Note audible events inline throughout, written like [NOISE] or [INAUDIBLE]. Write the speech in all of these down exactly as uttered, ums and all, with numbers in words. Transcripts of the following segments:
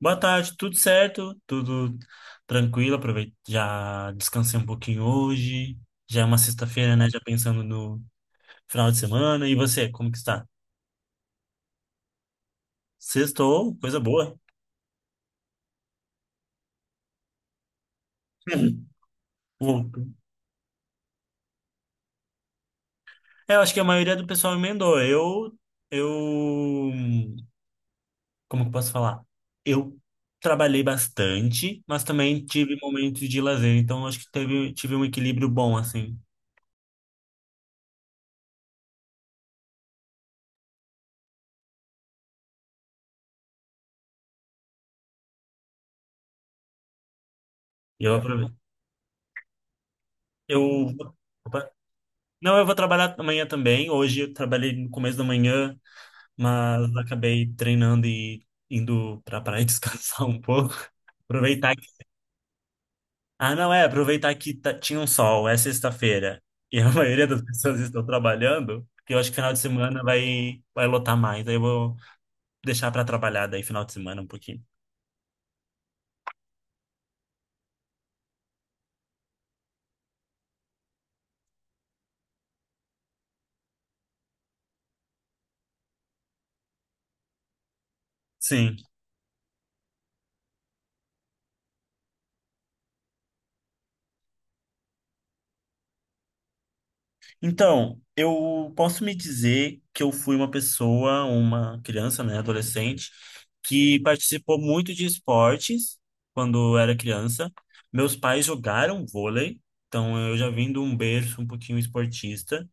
Boa tarde, tudo certo? Tudo tranquilo? Aproveito, já descansei um pouquinho hoje. Já é uma sexta-feira, né? Já pensando no final de semana. E você, como que está? Sextou, coisa boa. [LAUGHS] Bom, É, eu acho que a maioria do pessoal emendou. Eu, eu, como que eu posso falar? Eu trabalhei bastante, mas também tive momentos de lazer. Então, eu acho que teve, tive um equilíbrio bom, assim. E eu aproveito. Eu, Não, eu vou trabalhar amanhã também. Hoje eu trabalhei no começo da manhã, mas acabei treinando e indo pra praia [LAUGHS] descansar um pouco. Aproveitar que... Ah, não, é, aproveitar que tá- tinha um sol, é sexta-feira, e a [LAUGHS] maioria das pessoas estão trabalhando, porque eu acho que final de semana vai, vai lotar mais. Aí eu vou deixar pra trabalhar daí final de semana um pouquinho. Sim. Então, eu posso me dizer que eu fui uma pessoa, uma criança, né, adolescente, que participou muito de esportes quando era criança. Meus pais jogaram vôlei, então eu já vim de um berço um pouquinho esportista.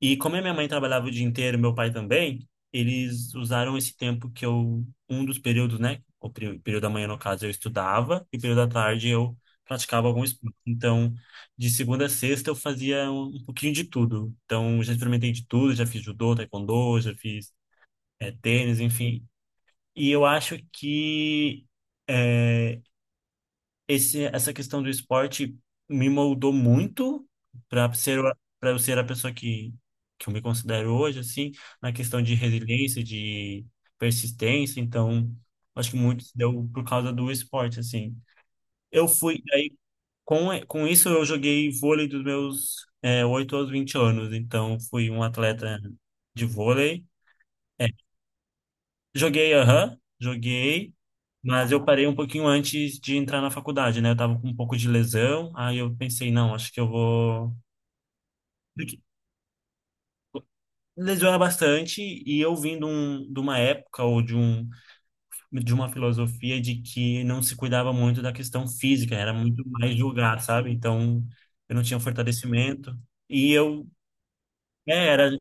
E como a minha mãe trabalhava o dia inteiro, meu pai também, eles usaram esse tempo que eu, um dos períodos, né? O peri- período da manhã, no caso, eu estudava, e o período da tarde eu praticava algum esporte. Então, de segunda a sexta, eu fazia um, um pouquinho de tudo. Então, já experimentei de tudo, já fiz judô, taekwondo, já fiz eh, tênis, enfim. E eu acho que. é, esse, essa questão do esporte me moldou muito para ser para eu ser a pessoa que que eu me considero hoje, assim, na questão de resiliência, de persistência. Então acho que muito se deu por causa do esporte, assim, eu fui aí, com com isso eu joguei vôlei dos meus é, oito aos vinte anos. Então fui um atleta de vôlei. Joguei, aham, joguei, mas eu parei um pouquinho antes de entrar na faculdade, né? Eu tava com um pouco de lesão, aí eu pensei, não, acho que eu vou. Porque lesiona bastante, e eu vim de, um, de uma época, ou de, um, de uma filosofia de que não se cuidava muito da questão física, era muito mais jogar, sabe? Então eu não tinha fortalecimento, e eu. É, era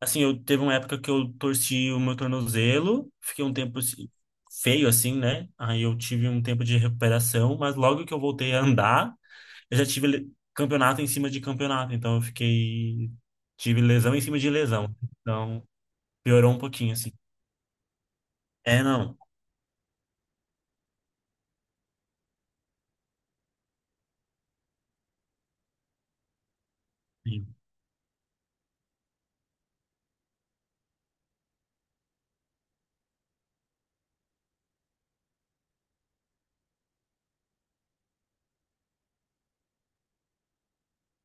Assim, eu teve uma época que eu torci o meu tornozelo, fiquei um tempo assim, feio assim, né? Aí eu tive um tempo de recuperação, mas logo que eu voltei a andar, eu já tive le- campeonato em cima de campeonato, então eu fiquei, tive lesão em cima de lesão. Então, piorou um pouquinho assim. É, não. Sim.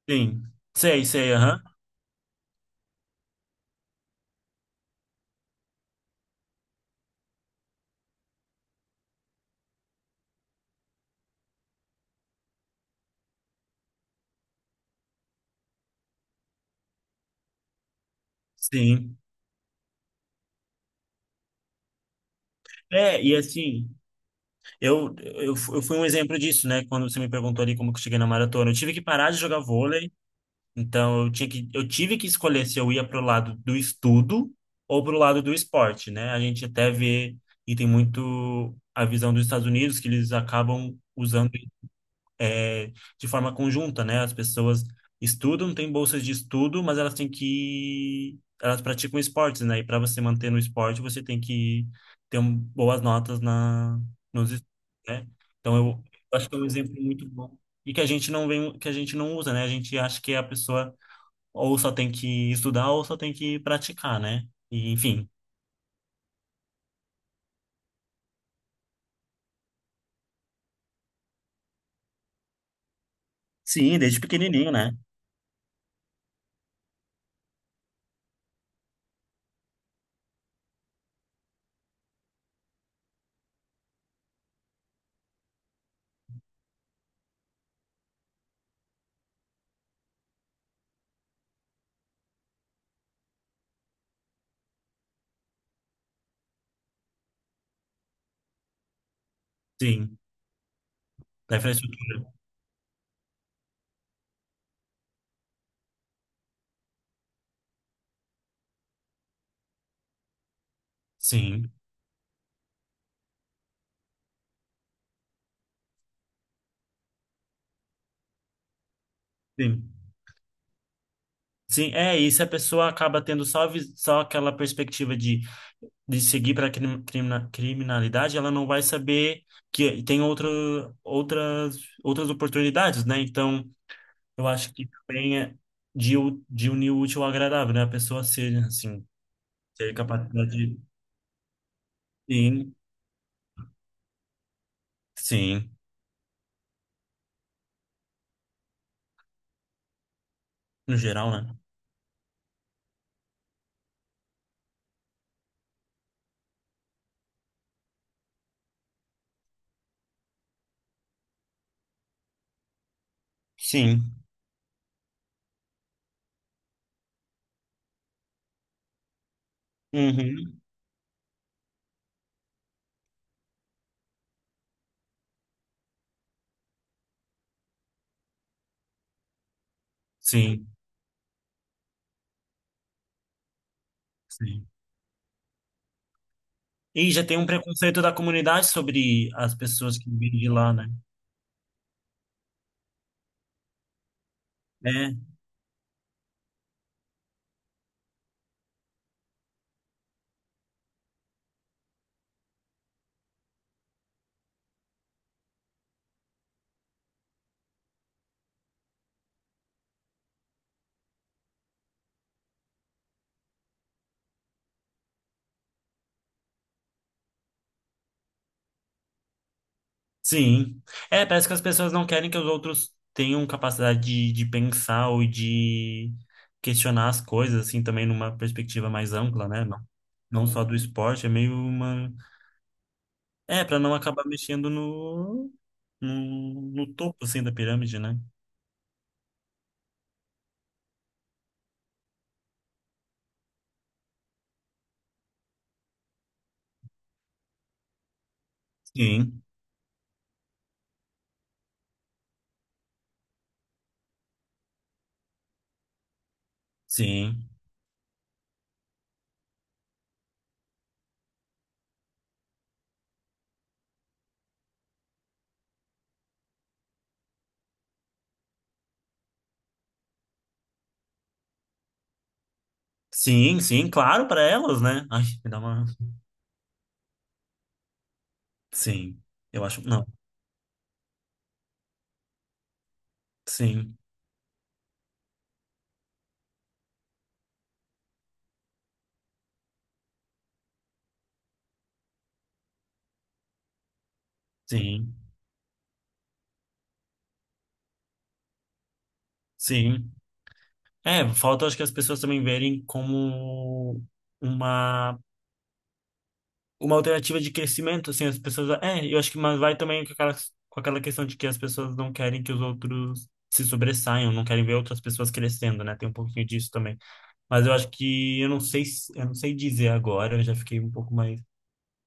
Sim. Sei, sei, aham. Sim. É, e assim, eu, eu, eu fui um exemplo disso, né? Quando você me perguntou ali como que eu cheguei na maratona. Eu tive que parar de jogar vôlei. Então eu tinha que, eu tive que escolher se eu ia para o lado do estudo ou para o lado do esporte, né? A gente até vê, e tem muito a visão dos Estados Unidos, que eles acabam usando, é, de forma conjunta, né? As pessoas estudam, têm bolsas de estudo, mas elas têm que, elas praticam esportes, né? E para você manter no esporte, você tem que ter um, boas notas na, nos estudos, né? Então eu acho que é um exemplo muito bom e que a gente não vem, que a gente não usa, né? A gente acha que é a pessoa ou só tem que estudar ou só tem que praticar, né? E, enfim, sim, desde pequenininho, né? Sim, da infraestrutura. Sim, sim. Sim, é, e se a pessoa acaba tendo só, vis- só aquela perspectiva de, de seguir para a criminalidade, ela não vai saber que tem outra, outras, outras oportunidades, né? Então, eu acho que também é de, u- de unir o útil ao agradável, né? A pessoa ser, assim, ter capacidade. Sim, sim, no geral, né? Sim. Uhum. Sim, sim. E já tem um preconceito da comunidade sobre as pessoas que vêm de lá, né? É, sim. É, parece que as pessoas não querem que os outros tenham capacidade de, de pensar ou de questionar as coisas, assim, também numa perspectiva mais ampla, né? Não, não só do esporte, é meio uma... É, para não acabar mexendo no, no, no topo, assim, da pirâmide, né? Sim, sim. Sim, sim, claro, para elas, né? Ai, me dá uma... Sim, eu acho. Não, sim, sim, sim. É, falta acho que as pessoas também verem como uma, uma alternativa de crescimento, assim, as pessoas. É, eu acho que mas vai também com aquela, com aquela questão de que as pessoas não querem que os outros se sobressaiam, não querem ver outras pessoas crescendo, né? Tem um pouquinho disso também. Mas eu acho que eu não sei, se- eu não sei dizer agora, eu já fiquei um pouco mais.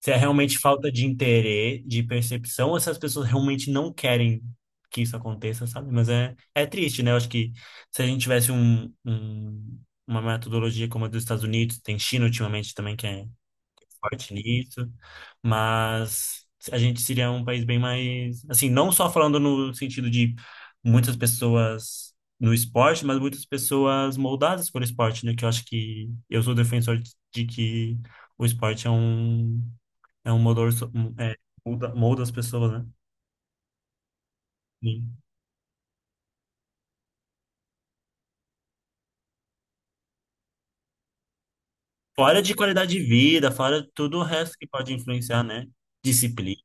Se é realmente falta de interesse, de percepção, ou se as pessoas realmente não querem que isso aconteça, sabe? Mas é, é triste, né? Eu acho que se a gente tivesse um, um- uma metodologia como a dos Estados Unidos, tem China ultimamente também que é forte nisso, mas a gente seria um país bem mais, assim, não só falando no sentido de muitas pessoas no esporte, mas muitas pessoas moldadas por esporte, né? Que eu acho que eu sou defensor de de que o esporte é um, é um motor, so- um- é, molda, molda as pessoas, né? Sim. Fora de qualidade de vida, fora tudo o resto que pode influenciar, né? Disciplina.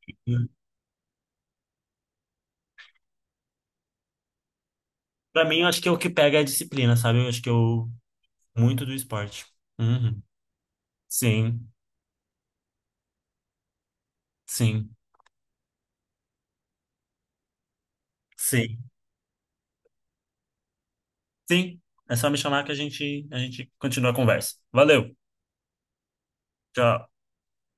Pra mim, eu acho que o que pega é a disciplina, sabe? Eu acho que eu... Muito do esporte. Uhum. Sim, sim, sim. Sim, é só me chamar que a gente, a gente continua a conversa. Valeu, tchau.